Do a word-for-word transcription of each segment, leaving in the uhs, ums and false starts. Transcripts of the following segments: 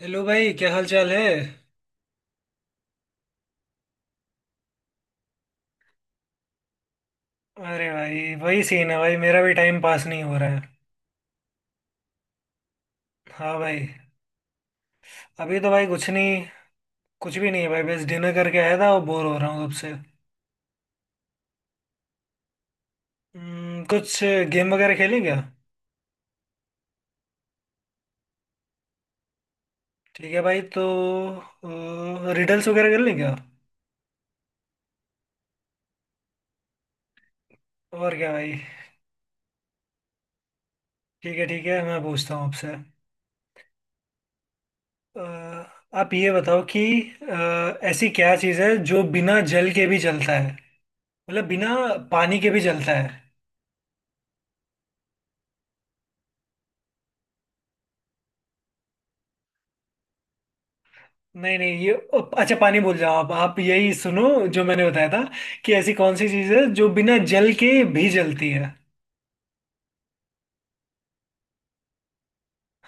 Hello भाई क्या हाल चाल है। अरे भाई वही सीन है भाई मेरा भी टाइम पास नहीं हो रहा है। हाँ भाई। अभी तो भाई कुछ नहीं। कुछ भी नहीं है भाई बस डिनर करके आया था और बोर हो रहा हूँ तब से। हम्म, कुछ गेम वगैरह खेलें क्या। ठीक है भाई तो रिडल्स वगैरह कर लें क्या। और क्या भाई। ठीक है ठीक है मैं पूछता हूँ आपसे। अ, आप ये बताओ कि अ, ऐसी क्या चीज़ है जो बिना जल के भी जलता है। मतलब बिना पानी के भी जलता है। नहीं नहीं ये अच्छा पानी भूल जाओ आप आप यही सुनो जो मैंने बताया था कि ऐसी कौन सी चीज़ है जो बिना जल के भी जलती है।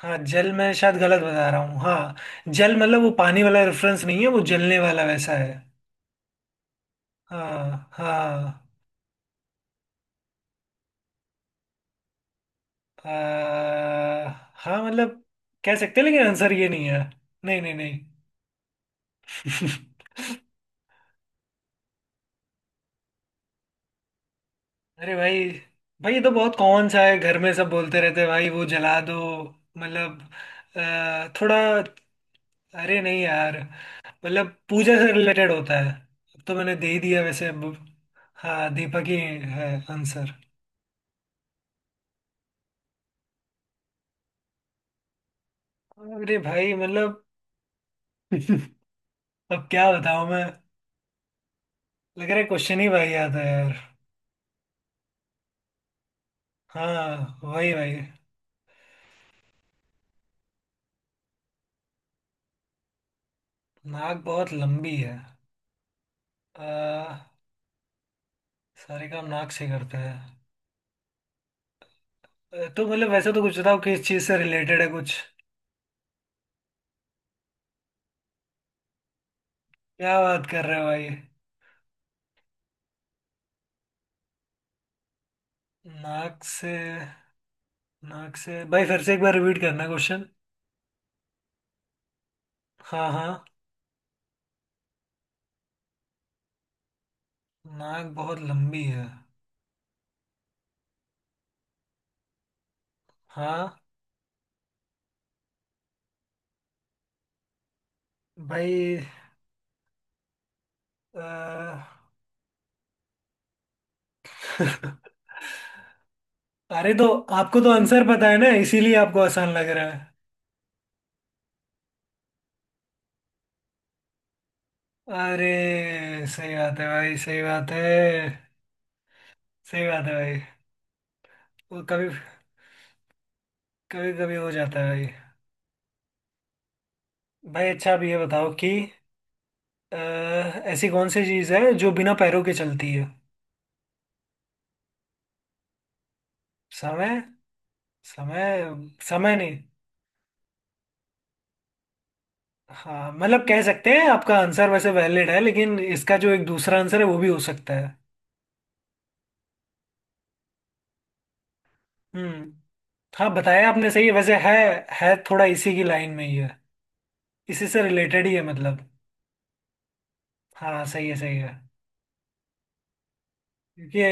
हाँ जल मैं शायद गलत बता रहा हूँ। हाँ जल मतलब वो पानी वाला रेफरेंस नहीं है वो जलने वाला वैसा है। हाँ हाँ। आ, हाँ मतलब कह सकते हैं लेकिन आंसर ये नहीं है। नहीं नहीं। नहीं अरे भाई भाई ये तो बहुत कॉमन सा है घर में सब बोलते रहते हैं भाई वो जला दो मतलब अ, थोड़ा अरे नहीं यार मतलब पूजा से रिलेटेड होता है। अब तो मैंने दे ही दिया वैसे अब। हाँ दीपक ही है आंसर। अरे भाई मतलब अब क्या बताऊं मैं। लग रहा है क्वेश्चन ही भाई आता है यार। हाँ वही भाई। नाक बहुत लंबी है। अ, सारे काम नाक से करते हैं। अ, तो मतलब वैसे तो कुछ बताओ किस चीज से रिलेटेड है कुछ। क्या बात कर रहे हो भाई। नाक से नाक से भाई फिर से एक बार रिपीट करना क्वेश्चन। हाँ हाँ। नाक बहुत लंबी है। हाँ भाई। अ, अरे तो आपको तो आंसर पता है ना इसीलिए आपको आसान लग रहा है। अरे सही बात है भाई सही बात है। सही बात है भाई। वो कभी कभी कभी हो जाता है भाई। भाई अच्छा आप ये बताओ कि अ, ऐसी कौन सी चीज़ है जो बिना पैरों के चलती है। समय। समय। समय नहीं। हाँ मतलब कह सकते हैं आपका आंसर वैसे वैलिड है लेकिन इसका जो एक दूसरा आंसर है वो भी हो सकता है। हम्म। हाँ बताया आपने सही है वैसे। है है थोड़ा इसी की लाइन में ही है। इसी से रिलेटेड ही है मतलब। हाँ सही है सही है। क्योंकि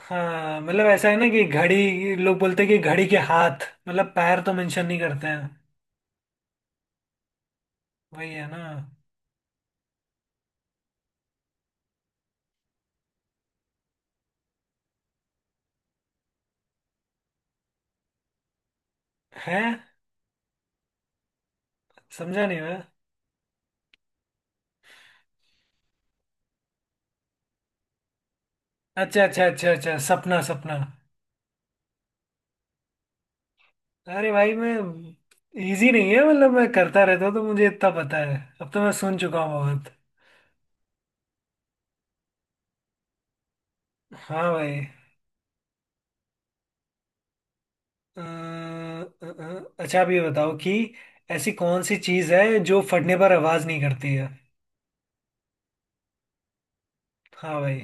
हाँ मतलब ऐसा है ना कि घड़ी लोग बोलते हैं कि घड़ी के हाथ मतलब पैर तो मेंशन नहीं करते हैं। वही है ना। है समझा नहीं मैं। अच्छा अच्छा अच्छा अच्छा सपना सपना। अरे भाई मैं इजी नहीं है मतलब मैं करता रहता हूँ तो मुझे इतना पता है। अब तो मैं सुन चुका हूँ बहुत। हाँ भाई। अ, अ, अ, अच्छा आप ये बताओ कि ऐसी कौन सी चीज़ है जो फटने पर आवाज़ नहीं करती है। हाँ भाई।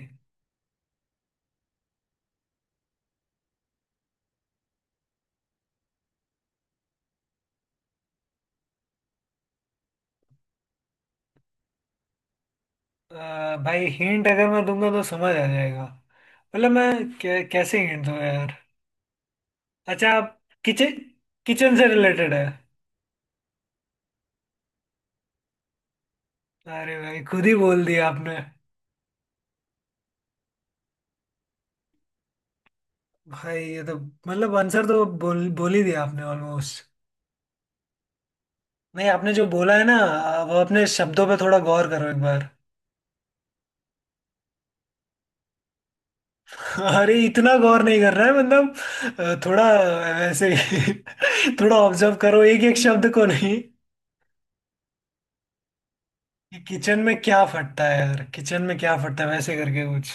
अ, भाई हिंट अगर मैं दूंगा तो समझ आ जाएगा। मतलब मैं कै, कैसे हिंट दूंगा यार। अच्छा आप किचन किचन से रिलेटेड है। अरे भाई खुद ही बोल दिया आपने। भाई ये तो मतलब आंसर तो बोल बोल ही दिया आपने ऑलमोस्ट। नहीं आपने जो बोला है ना अब अपने शब्दों पे थोड़ा गौर करो एक बार। अरे इतना गौर नहीं कर रहा है मतलब अ, थोड़ा वैसे ही थोड़ा ऑब्जर्व करो एक एक शब्द को। नहीं कि किचन में क्या फटता है यार किचन में क्या फटता है वैसे करके कुछ।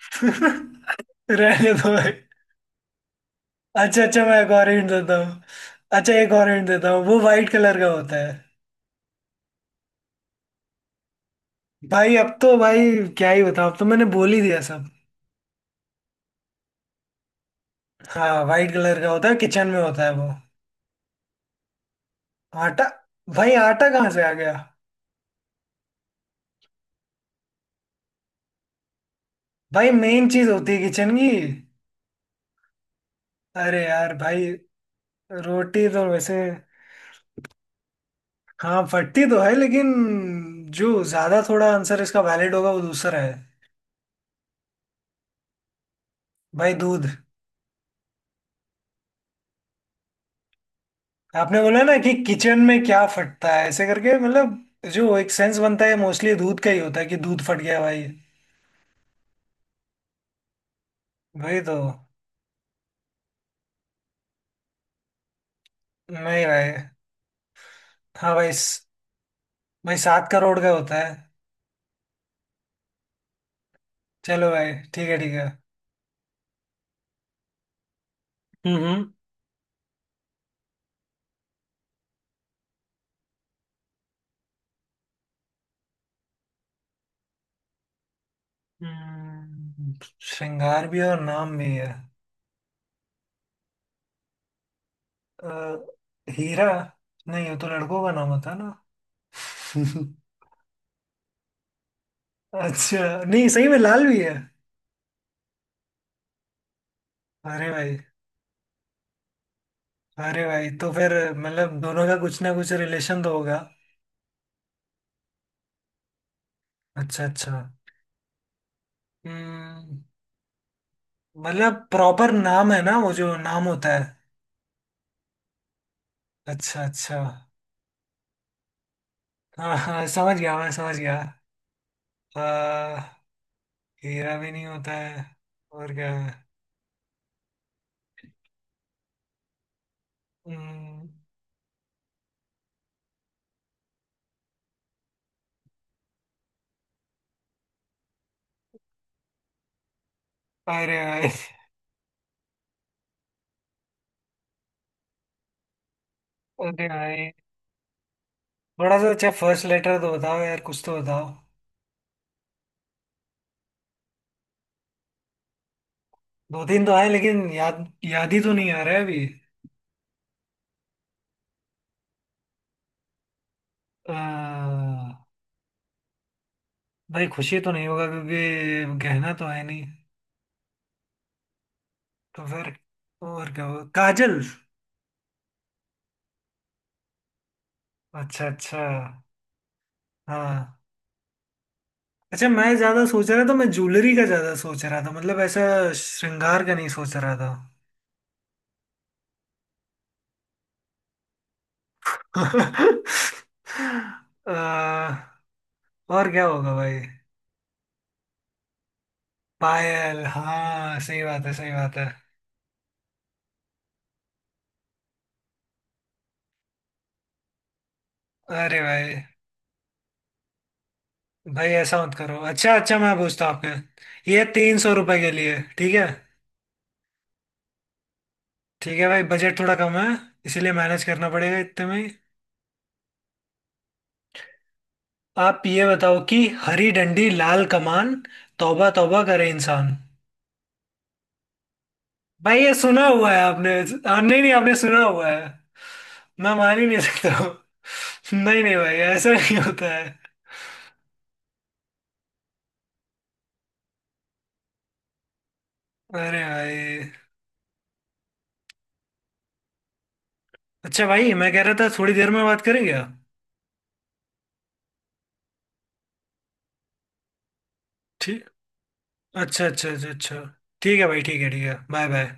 रहने दो भाई। अच्छा अच्छा मैं एक और हिंट देता हूँ। अच्छा एक और हिंट देता हूँ वो वाइट कलर का होता है। भाई अब तो भाई क्या ही बताऊँ अब तो मैंने बोल ही दिया सब। हाँ वाइट कलर का होता है किचन में होता है वो। आटा भाई आटा कहाँ से आ गया। भाई मेन चीज होती है किचन की। अरे यार भाई। रोटी तो वैसे हाँ फटती तो है लेकिन जो ज्यादा थोड़ा आंसर इसका वैलिड होगा वो दूसरा है। भाई दूध। आपने बोला ना कि किचन में क्या फटता है ऐसे करके मतलब जो एक सेंस बनता है मोस्टली दूध का ही होता है कि दूध फट गया भाई। भाई तो नहीं भाई। हाँ भाई स- भाई सात करोड़ का होता है। चलो भाई ठीक है ठीक है। हम्म हम्म। हम्म, श्रृंगार भी है और नाम भी है। अ, हीरा। नहीं वो तो लड़कों का नाम होता है ना। हाँ अच्छा नहीं सही में लाल भी है। अरे भाई अरे भाई तो फिर मतलब दोनों का कुछ ना कुछ रिलेशन तो होगा। अच्छा अच्छा। हम्म, मतलब प्रॉपर नाम है ना वो जो नाम होता है। अच्छा अच्छा। हाँ हाँ समझ गया मैं समझ गया। आ, हीरा भी नहीं होता है। और क्या है। हम्म, अरे भाई अरे भाई थोड़ा सा अच्छा फर्स्ट लेटर तो बताओ यार कुछ तो बताओ। दो दिन तो आए लेकिन याद याद ही तो नहीं आ रहा है अभी। अह, भाई खुशी तो नहीं होगा क्योंकि गहना तो है नहीं तो फिर और क्या होगा काजल। अच्छा अच्छा। हाँ अच्छा मैं ज्यादा सोच रहा था मैं ज्वेलरी का ज्यादा सोच रहा था मतलब ऐसा श्रृंगार का नहीं सोच रहा था। अह, और क्या होगा भाई पायल। हाँ सही बात है सही बात है। अरे भाई भाई ऐसा मत करो अच्छा अच्छा मैं पूछता हूँ आपके ये तीन सौ रुपए के लिए ठीक है। ठीक है भाई बजट थोड़ा कम है इसीलिए मैनेज करना पड़ेगा इतने में ही। आप ये बताओ कि हरी डंडी लाल कमान तौबा तौबा करे इंसान। भाई ये सुना हुआ है आपने। आ, नहीं नहीं आपने सुना हुआ है। मैं मान ही नहीं सकता हूँ। नहीं नहीं भाई ऐसा नहीं होता है। अरे भाई अच्छा भाई मैं कह रहा था थोड़ी देर में बात करेंगे आप। ठीक अच्छा अच्छा अच्छा अच्छा ठीक है भाई ठीक है ठीक है बाय बाय।